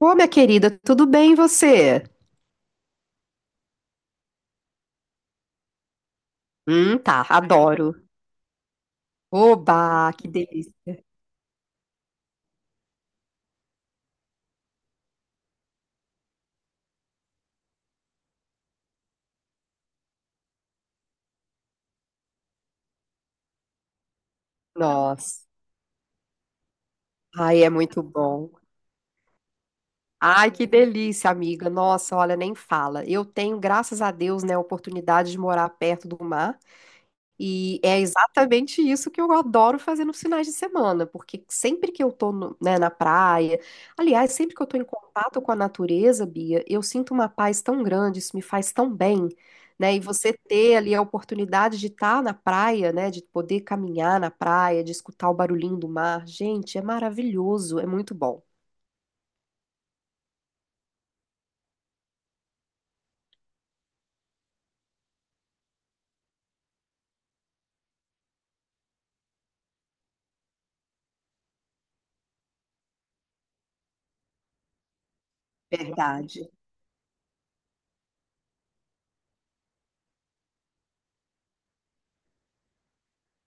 Ô, minha querida, tudo bem e você? Tá, adoro. Oba, que delícia. Nossa, ai, é muito bom. Ai, que delícia, amiga. Nossa, olha, nem fala. Eu tenho, graças a Deus, né, a oportunidade de morar perto do mar. E é exatamente isso que eu adoro fazer nos finais de semana, porque sempre que eu tô né, na praia, aliás, sempre que eu tô em contato com a natureza, Bia, eu sinto uma paz tão grande, isso me faz tão bem, né? E você ter ali a oportunidade de estar na praia, né, de poder caminhar na praia, de escutar o barulhinho do mar, gente, é maravilhoso, é muito bom. Verdade.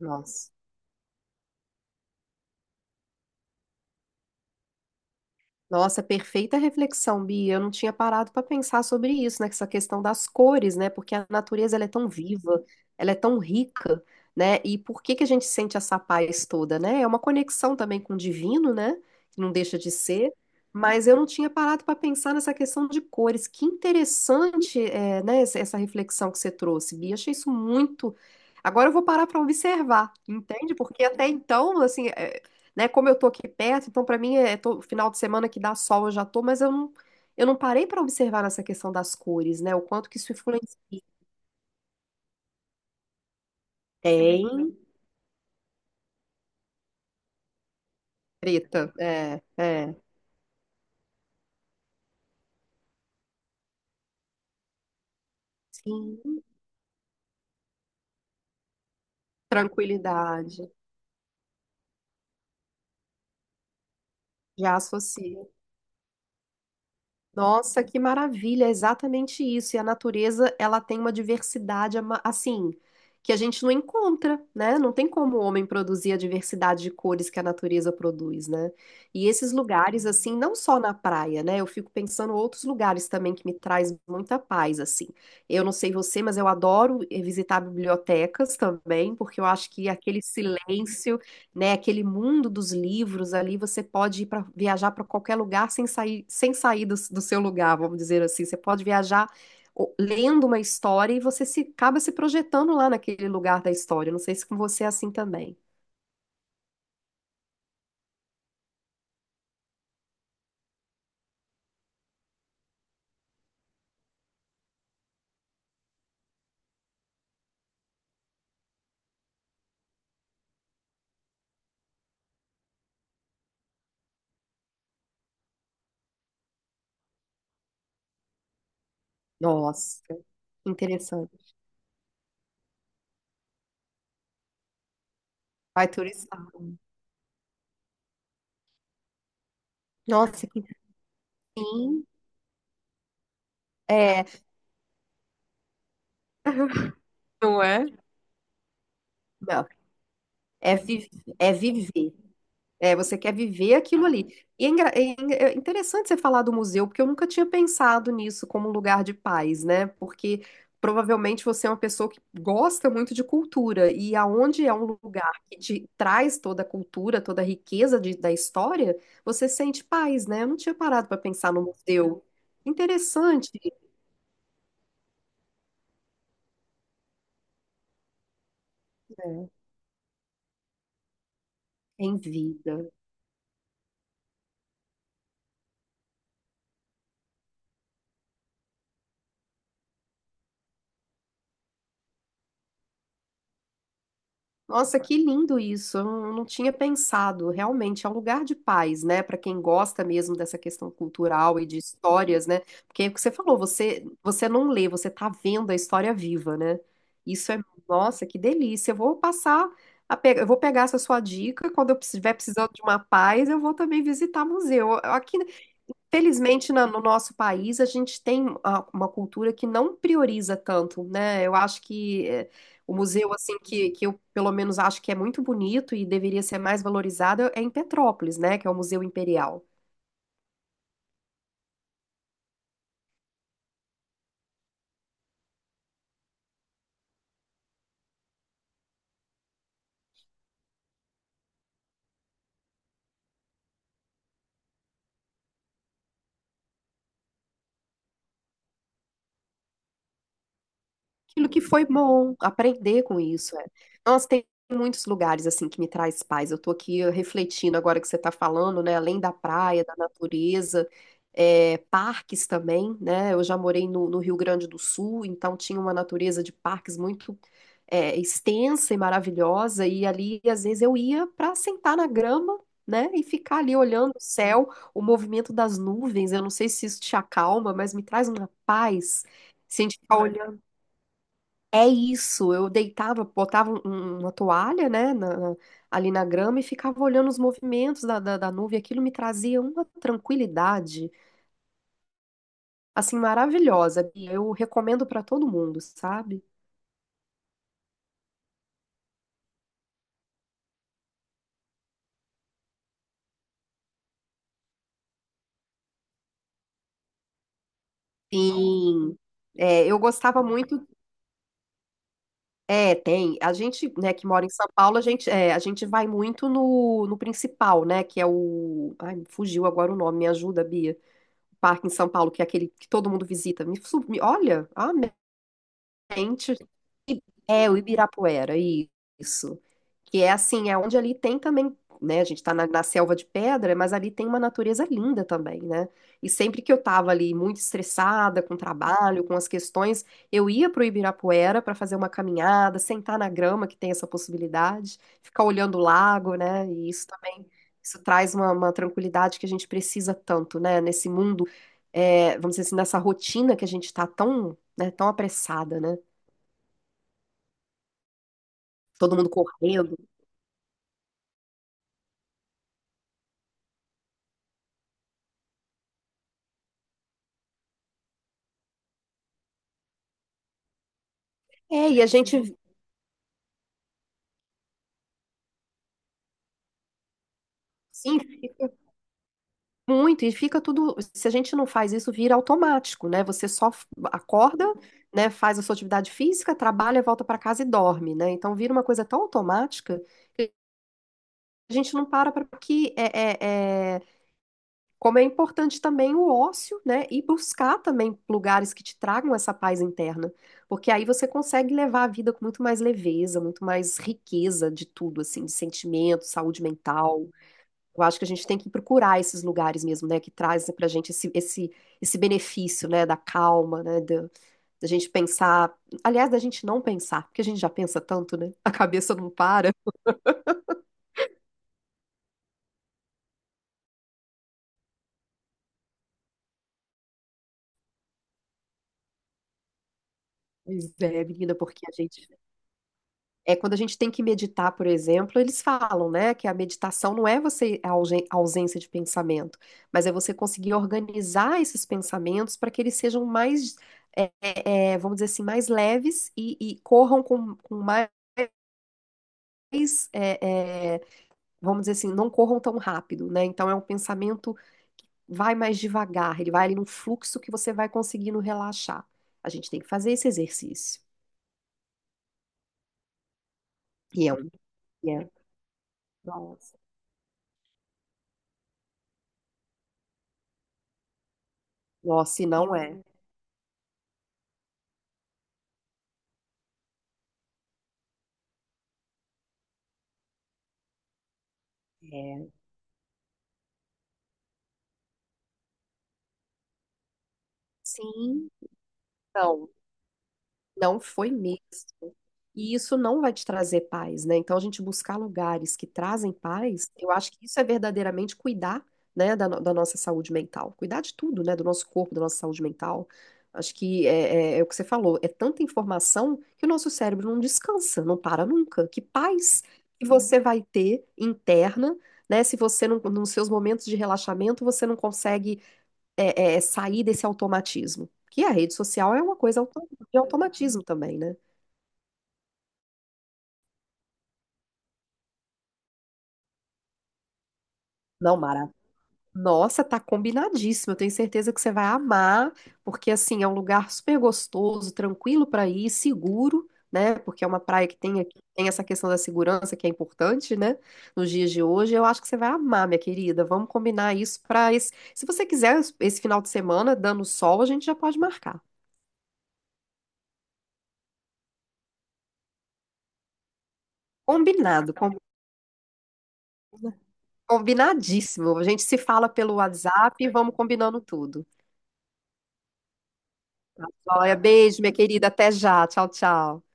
Nossa. Nossa, perfeita reflexão, Bia. Eu não tinha parado para pensar sobre isso, né? Essa questão das cores, né? Porque a natureza ela é tão viva, ela é tão rica, né? E por que que a gente sente essa paz toda, né? É uma conexão também com o divino, né? Que não deixa de ser. Mas eu não tinha parado para pensar nessa questão de cores. Que interessante, é, né? Essa reflexão que você trouxe, Bia. Achei isso muito. Agora eu vou parar para observar, entende? Porque até então, assim, né? Como eu tô aqui perto, então para mim é final de semana que dá sol, eu já tô, mas eu não parei para observar nessa questão das cores, né? O quanto que isso influencia. Tem preta, é, é. Sim, tranquilidade. Já associo. Nossa, que maravilha, é exatamente isso. E a natureza, ela tem uma assim, que a gente não encontra, né? Não tem como o homem produzir a diversidade de cores que a natureza produz, né? E esses lugares assim, não só na praia, né? Eu fico pensando em outros lugares também que me traz muita paz, assim. Eu não sei você, mas eu adoro visitar bibliotecas também, porque eu acho que aquele silêncio né? Aquele mundo dos livros ali, você pode ir para viajar para qualquer lugar sem sair, sem sair do seu lugar, vamos dizer assim. Você pode viajar lendo uma história e você se acaba se projetando lá naquele lugar da história. Não sei se com você é assim também. Nossa, que interessante. Vai turistar. Nossa, que sim. É, não é? Não, é, vi- é viver. É, você quer viver aquilo ali. E é interessante você falar do museu, porque eu nunca tinha pensado nisso como um lugar de paz, né? Porque provavelmente você é uma pessoa que gosta muito de cultura, e aonde é um lugar que te traz toda a cultura, toda a da história, você sente paz, né? Eu não tinha parado para pensar no museu. Interessante. É. Em vida. Nossa, que lindo isso. Eu não tinha pensado. Realmente é um lugar de paz, né? Para quem gosta mesmo dessa questão cultural e de histórias, né? Porque é o que você falou, você não lê, você tá vendo a história viva, né? Isso é, nossa, que delícia. Eu vou eu vou pegar essa sua dica. Quando eu estiver precisando de uma paz, eu vou também visitar museu. Aqui felizmente, no nosso país, a gente tem uma cultura que não prioriza tanto, né? Eu acho que é, o museu, assim, que eu pelo menos acho que é muito bonito e deveria ser mais valorizado é em Petrópolis, né? Que é o Museu Imperial. Aquilo que foi bom, aprender com isso. É. Nossa, tem muitos lugares assim que me traz paz. Eu tô aqui refletindo agora que você está falando, né? Além da praia, da natureza, é, parques também, né? Eu já morei no Rio Grande do Sul, então tinha uma natureza de parques muito é, extensa e maravilhosa, e ali às vezes eu ia para sentar na grama. Né? E ficar ali olhando o céu, o movimento das nuvens. Eu não sei se isso te acalma, mas me traz uma paz. Se a gente ficar olhando é isso, eu deitava, botava uma toalha, né, ali na grama e ficava olhando os movimentos da nuvem. Aquilo me trazia uma tranquilidade, assim, maravilhosa. E eu recomendo para todo mundo, sabe? Sim, é, eu gostava muito. É, tem. A gente, né, que mora em São Paulo, a gente, é, a gente vai muito no principal, né, que é o. Ai, me fugiu agora o nome, me ajuda, Bia. Parque em São Paulo, que é aquele que todo mundo visita. Olha, amém. É, o Ibirapuera, isso. Que é assim, é onde ali tem também, né? A gente tá na selva de pedra, mas ali tem uma natureza linda também, né? E sempre que eu tava ali muito estressada com o trabalho, com as questões, eu ia pro Ibirapuera para fazer uma caminhada, sentar na grama, que tem essa possibilidade, ficar olhando o lago, né? E isso também, isso traz uma tranquilidade que a gente precisa tanto, né? Nesse mundo, é, vamos dizer assim, nessa rotina que a gente tá tão, né, tão apressada, né? Todo mundo correndo. É, e a gente, sim, fica muito, e fica tudo, se a gente não faz isso, vira automático, né? Você só acorda, né, faz a sua atividade física, trabalha, volta para casa e dorme, né? Então vira uma coisa tão automática que a gente não para para que é, é, é, como é importante também o ócio, né? E buscar também lugares que te tragam essa paz interna, porque aí você consegue levar a vida com muito mais leveza, muito mais riqueza de tudo, assim, de sentimento, saúde mental. Eu acho que a gente tem que procurar esses lugares mesmo, né, que trazem pra gente esse benefício, né, da calma, né, da, da gente pensar, aliás, da gente não pensar, porque a gente já pensa tanto, né, a cabeça não para. Pois é, menina, porque a gente, é quando a gente tem que meditar, por exemplo, eles falam, né, que a meditação não é você a ausência de pensamento, mas é você conseguir organizar esses pensamentos para que eles sejam mais, é, é, é, vamos dizer assim, mais leves e corram com mais é, é, vamos dizer assim, não corram tão rápido, né? Então é um pensamento que vai mais devagar, ele vai ali num fluxo que você vai conseguindo relaxar. A gente tem que fazer esse exercício. E é um. e é- nossa, nossa, e não é. É. Sim, não. Não foi mesmo. E isso não vai te trazer paz, né? Então, a gente buscar lugares que trazem paz, eu acho que isso é verdadeiramente cuidar, né, da, no- da nossa saúde mental. Cuidar de tudo, né? Do nosso corpo, da nossa saúde mental. Acho que é o que você falou, é tanta informação que o nosso cérebro não descansa, não para nunca. Que paz que você vai ter interna, né? Se você, não, nos seus momentos de relaxamento, você não consegue é, é, é sair desse automatismo. Que a rede social é uma coisa de automatismo também, né? Não, Mara. Nossa, tá combinadíssimo. Eu tenho certeza que você vai amar, porque assim é um lugar super gostoso, tranquilo para ir, seguro, né? Porque é uma praia que tem aqui, tem essa questão da segurança que é importante, né? Nos dias de hoje, eu acho que você vai amar, minha querida. Vamos combinar isso para esse. Se você quiser esse final de semana, dando sol, a gente já pode marcar. Combinado, combinado. Combinadíssimo. A gente se fala pelo WhatsApp e vamos combinando tudo. Olha, beijo, minha querida. Até já. Tchau, tchau.